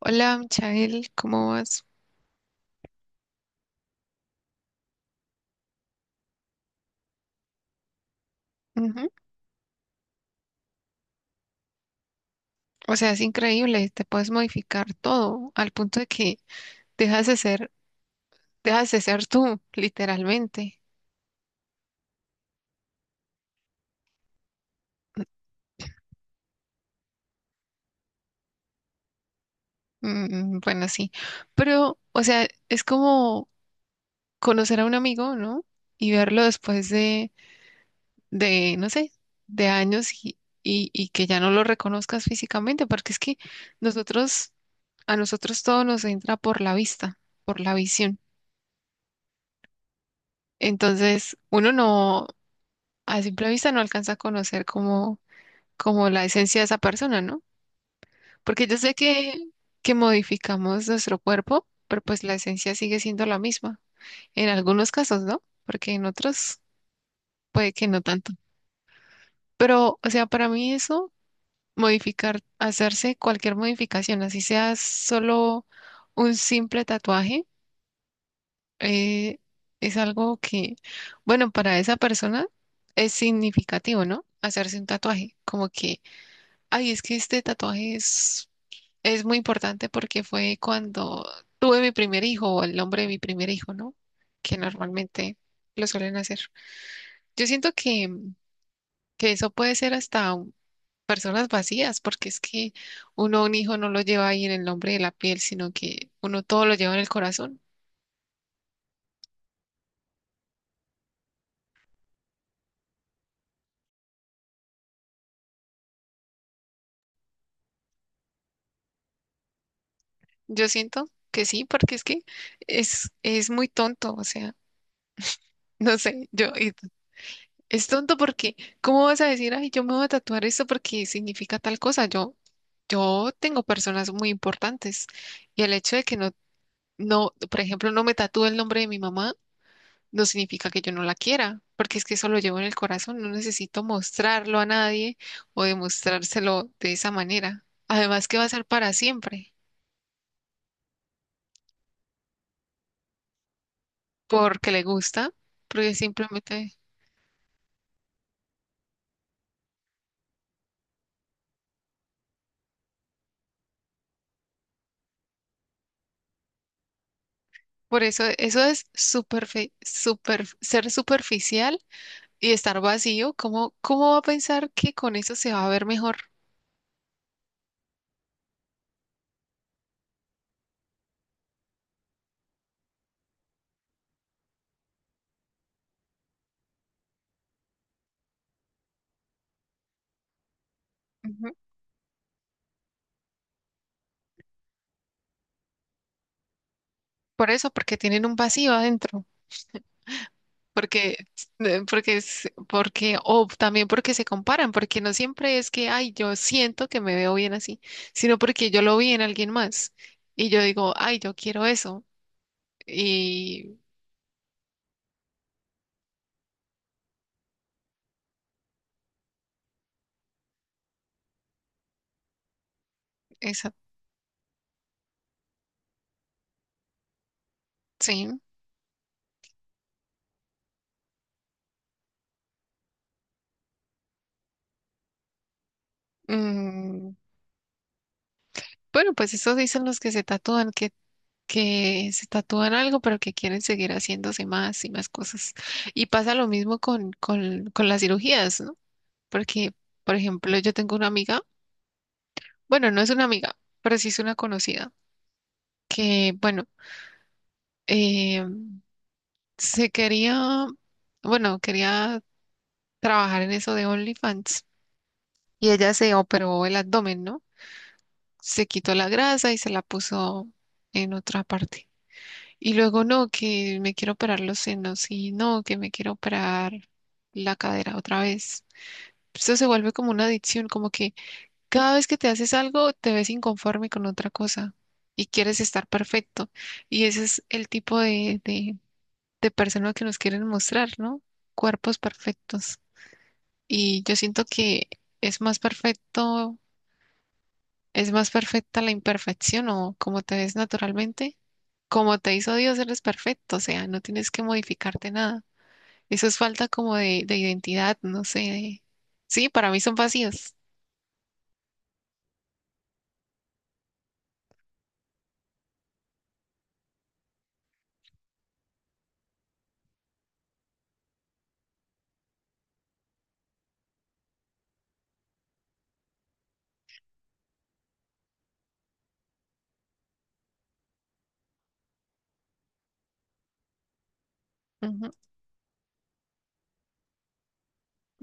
Hola, Michael, ¿cómo vas? Ujú. O sea, es increíble, te puedes modificar todo al punto de que dejas de ser, dejas de ser tú, literalmente. Mm, bueno, sí, pero, o sea, es como conocer a un amigo, ¿no? Y verlo después de, no sé, de años y que ya no lo reconozcas físicamente, porque es que nosotros, a nosotros todo nos entra por la vista, por la visión. Entonces, uno no a simple vista no alcanza a conocer como la esencia de esa persona, ¿no? Porque yo sé que modificamos nuestro cuerpo, pero pues la esencia sigue siendo la misma. En algunos casos, ¿no? Porque en otros puede que no tanto. Pero, o sea, para mí eso, modificar, hacerse cualquier modificación, así sea solo un simple tatuaje, eh, es algo que, bueno, para esa persona es significativo, ¿no? Hacerse un tatuaje, como que ay, es que este tatuaje es muy importante porque fue cuando tuve mi primer hijo o el nombre de mi primer hijo, ¿no? Que normalmente lo suelen hacer. Yo siento que eso puede ser hasta personas vacías, porque es que uno a un hijo no lo lleva ahí en el nombre de la piel, sino que uno todo lo lleva en el corazón. Yo siento que sí, porque es que es muy tonto, o sea, no sé. Es tonto porque, ¿cómo vas a decir, ay, yo me voy a tatuar esto porque significa tal cosa? Yo tengo personas muy importantes y el hecho de que no, no, por ejemplo, no me tatúe el nombre de mi mamá, no significa que yo no la quiera, porque es que eso lo llevo en el corazón, no necesito mostrarlo a nadie o demostrárselo de esa manera. Además que va a ser para siempre, porque le gusta, porque simplemente, por eso, eso es super, super, ser superficial y estar vacío, ¿cómo, cómo va a pensar que con eso se va a ver mejor? Ujú. Por eso, porque tienen un vacío adentro, porque, o también porque se comparan, porque no siempre es que, ay, yo siento que me veo bien así, sino porque yo lo vi en alguien más y yo digo, ay, yo quiero eso. Y esa, sí. Mm, bueno, pues eso dicen los que se tatúan, que se tatúan algo, pero que quieren seguir haciéndose más y más cosas. Y pasa lo mismo con las cirugías, ¿no? Porque, por ejemplo, yo tengo una amiga, bueno, no es una amiga, pero sí es una conocida, que, bueno, eh, se quería, bueno, quería trabajar en eso de OnlyFans y ella se operó el abdomen, ¿no? Se quitó la grasa y se la puso en otra parte. Y luego no, que me quiero operar los senos y no, que me quiero operar la cadera otra vez. Esto se vuelve como una adicción, como que cada vez que te haces algo te ves inconforme con otra cosa y quieres estar perfecto. Y ese es el tipo de persona que nos quieren mostrar, ¿no? Cuerpos perfectos. Y yo siento que es más perfecto ¿Es más perfecta la imperfección o como te ves naturalmente? Como te hizo Dios, eres perfecto, o sea, no tienes que modificarte nada. Eso es falta como de identidad, no sé. Sí, para mí son vacíos. Ujú,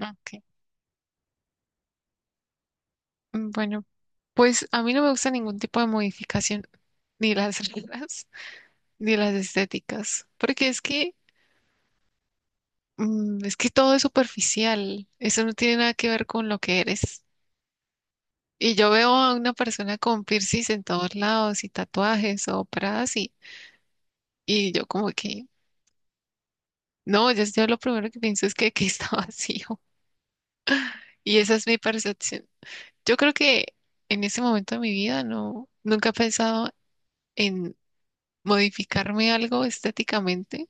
ok. Mm, bueno, pues a mí no me gusta ningún tipo de modificación, ni las reglas, ni las estéticas, porque es que, es que todo es superficial. Eso no tiene nada que ver con lo que eres. Y yo veo a una persona con piercings en todos lados y tatuajes o operadas y yo como que, no, yo lo primero que pienso es que está vacío. Y esa es mi percepción. Yo creo que en ese momento de mi vida no, nunca he pensado en modificarme algo estéticamente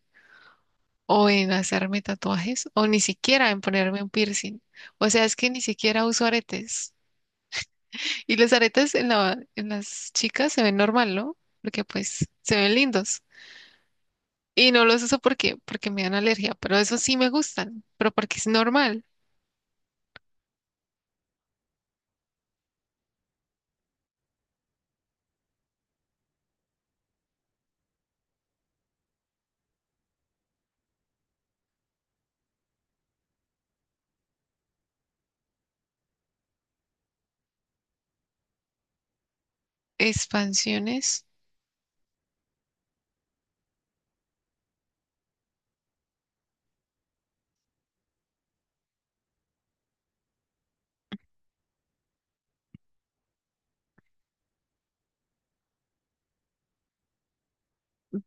o en hacerme tatuajes o ni siquiera en ponerme un piercing. O sea, es que ni siquiera uso aretes. Y los aretes en las chicas se ven normal, ¿no? Porque pues se ven lindos. Y no los uso porque, porque me dan alergia, pero esos sí me gustan, pero porque es normal. Expansiones,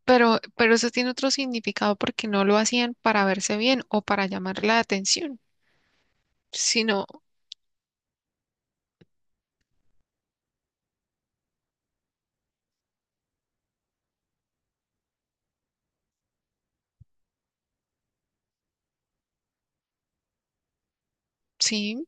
pero eso tiene otro significado porque no lo hacían para verse bien o para llamar la atención, sino, sí,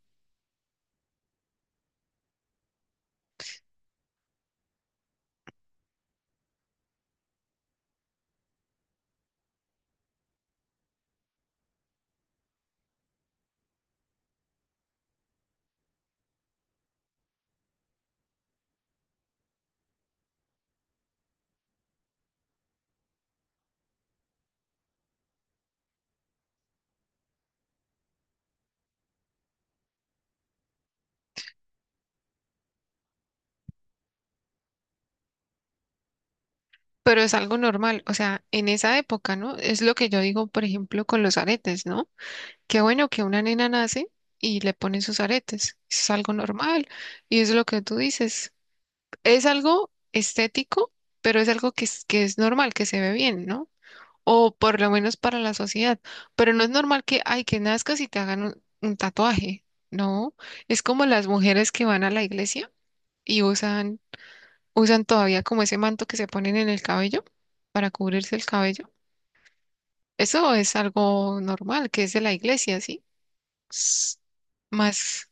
pero es algo normal, o sea, en esa época, ¿no? Es lo que yo digo, por ejemplo, con los aretes, ¿no? Qué bueno que una nena nace y le ponen sus aretes, es algo normal y es lo que tú dices, es algo estético, pero es algo que es normal, que se ve bien, ¿no? O por lo menos para la sociedad. Pero no es normal que, ay, que nazcas y te hagan un tatuaje. No, es como las mujeres que van a la iglesia y usan, usan todavía como ese manto que se ponen en el cabello para cubrirse el cabello. Eso es algo normal, que es de la iglesia, ¿sí? S- Más,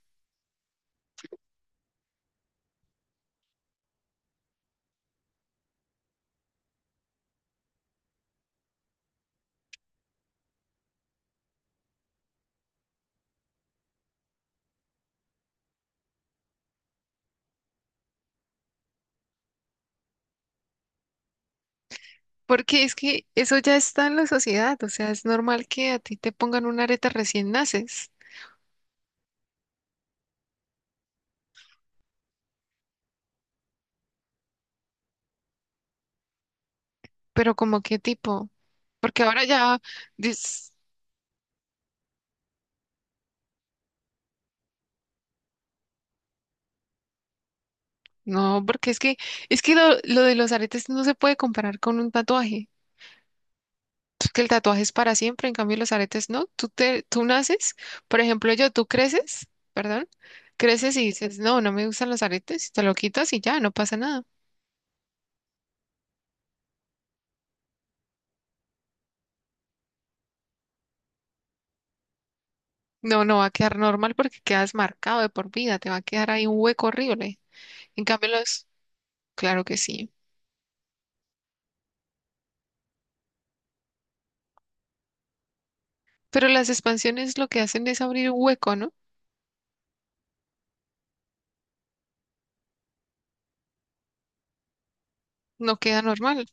porque es que eso ya está en la sociedad, o sea, es normal que a ti te pongan una areta recién naces, pero como qué tipo, porque ahora ya dis- no, porque es que, lo de los aretes no se puede comparar con un tatuaje. Es que el tatuaje es para siempre, en cambio los aretes no. Tú naces, por ejemplo, tú creces, perdón, creces y dices, no, no me gustan los aretes, te lo quitas y ya, no pasa nada. No, no va a quedar normal porque quedas marcado de por vida, te va a quedar ahí un hueco horrible. En cambio los, claro que sí. Pero las expansiones lo que hacen es abrir un hueco, ¿no? No queda normal.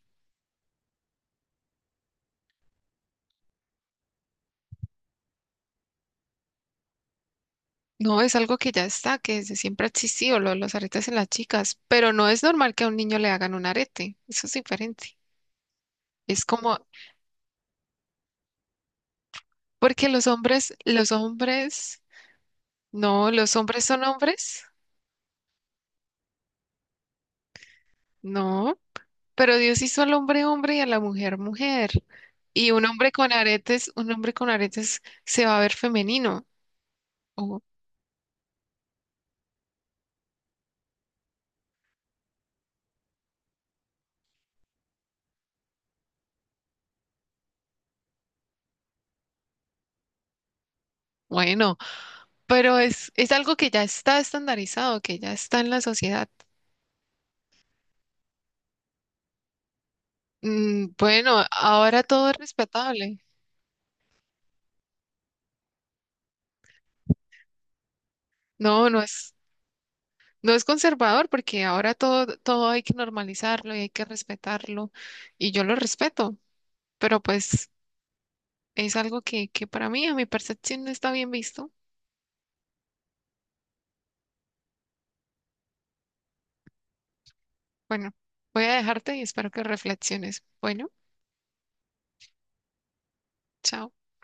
No, es algo que ya está, que desde siempre ha existido, lo de los aretes en las chicas, pero no es normal que a un niño le hagan un arete, eso es diferente. Es como, porque los hombres, no, los hombres son hombres, no, pero Dios hizo al hombre hombre y a la mujer mujer. Y un hombre con aretes, un hombre con aretes se va a ver femenino, o bueno, pero es algo que ya está estandarizado, que ya está en la sociedad. Mm, bueno, ahora todo es respetable. No, no es conservador porque ahora todo hay que normalizarlo y hay que respetarlo y yo lo respeto, pero pues es algo que para mí, a mi percepción, no está bien visto. Bueno, voy a dejarte y espero que reflexiones. Bueno, chao.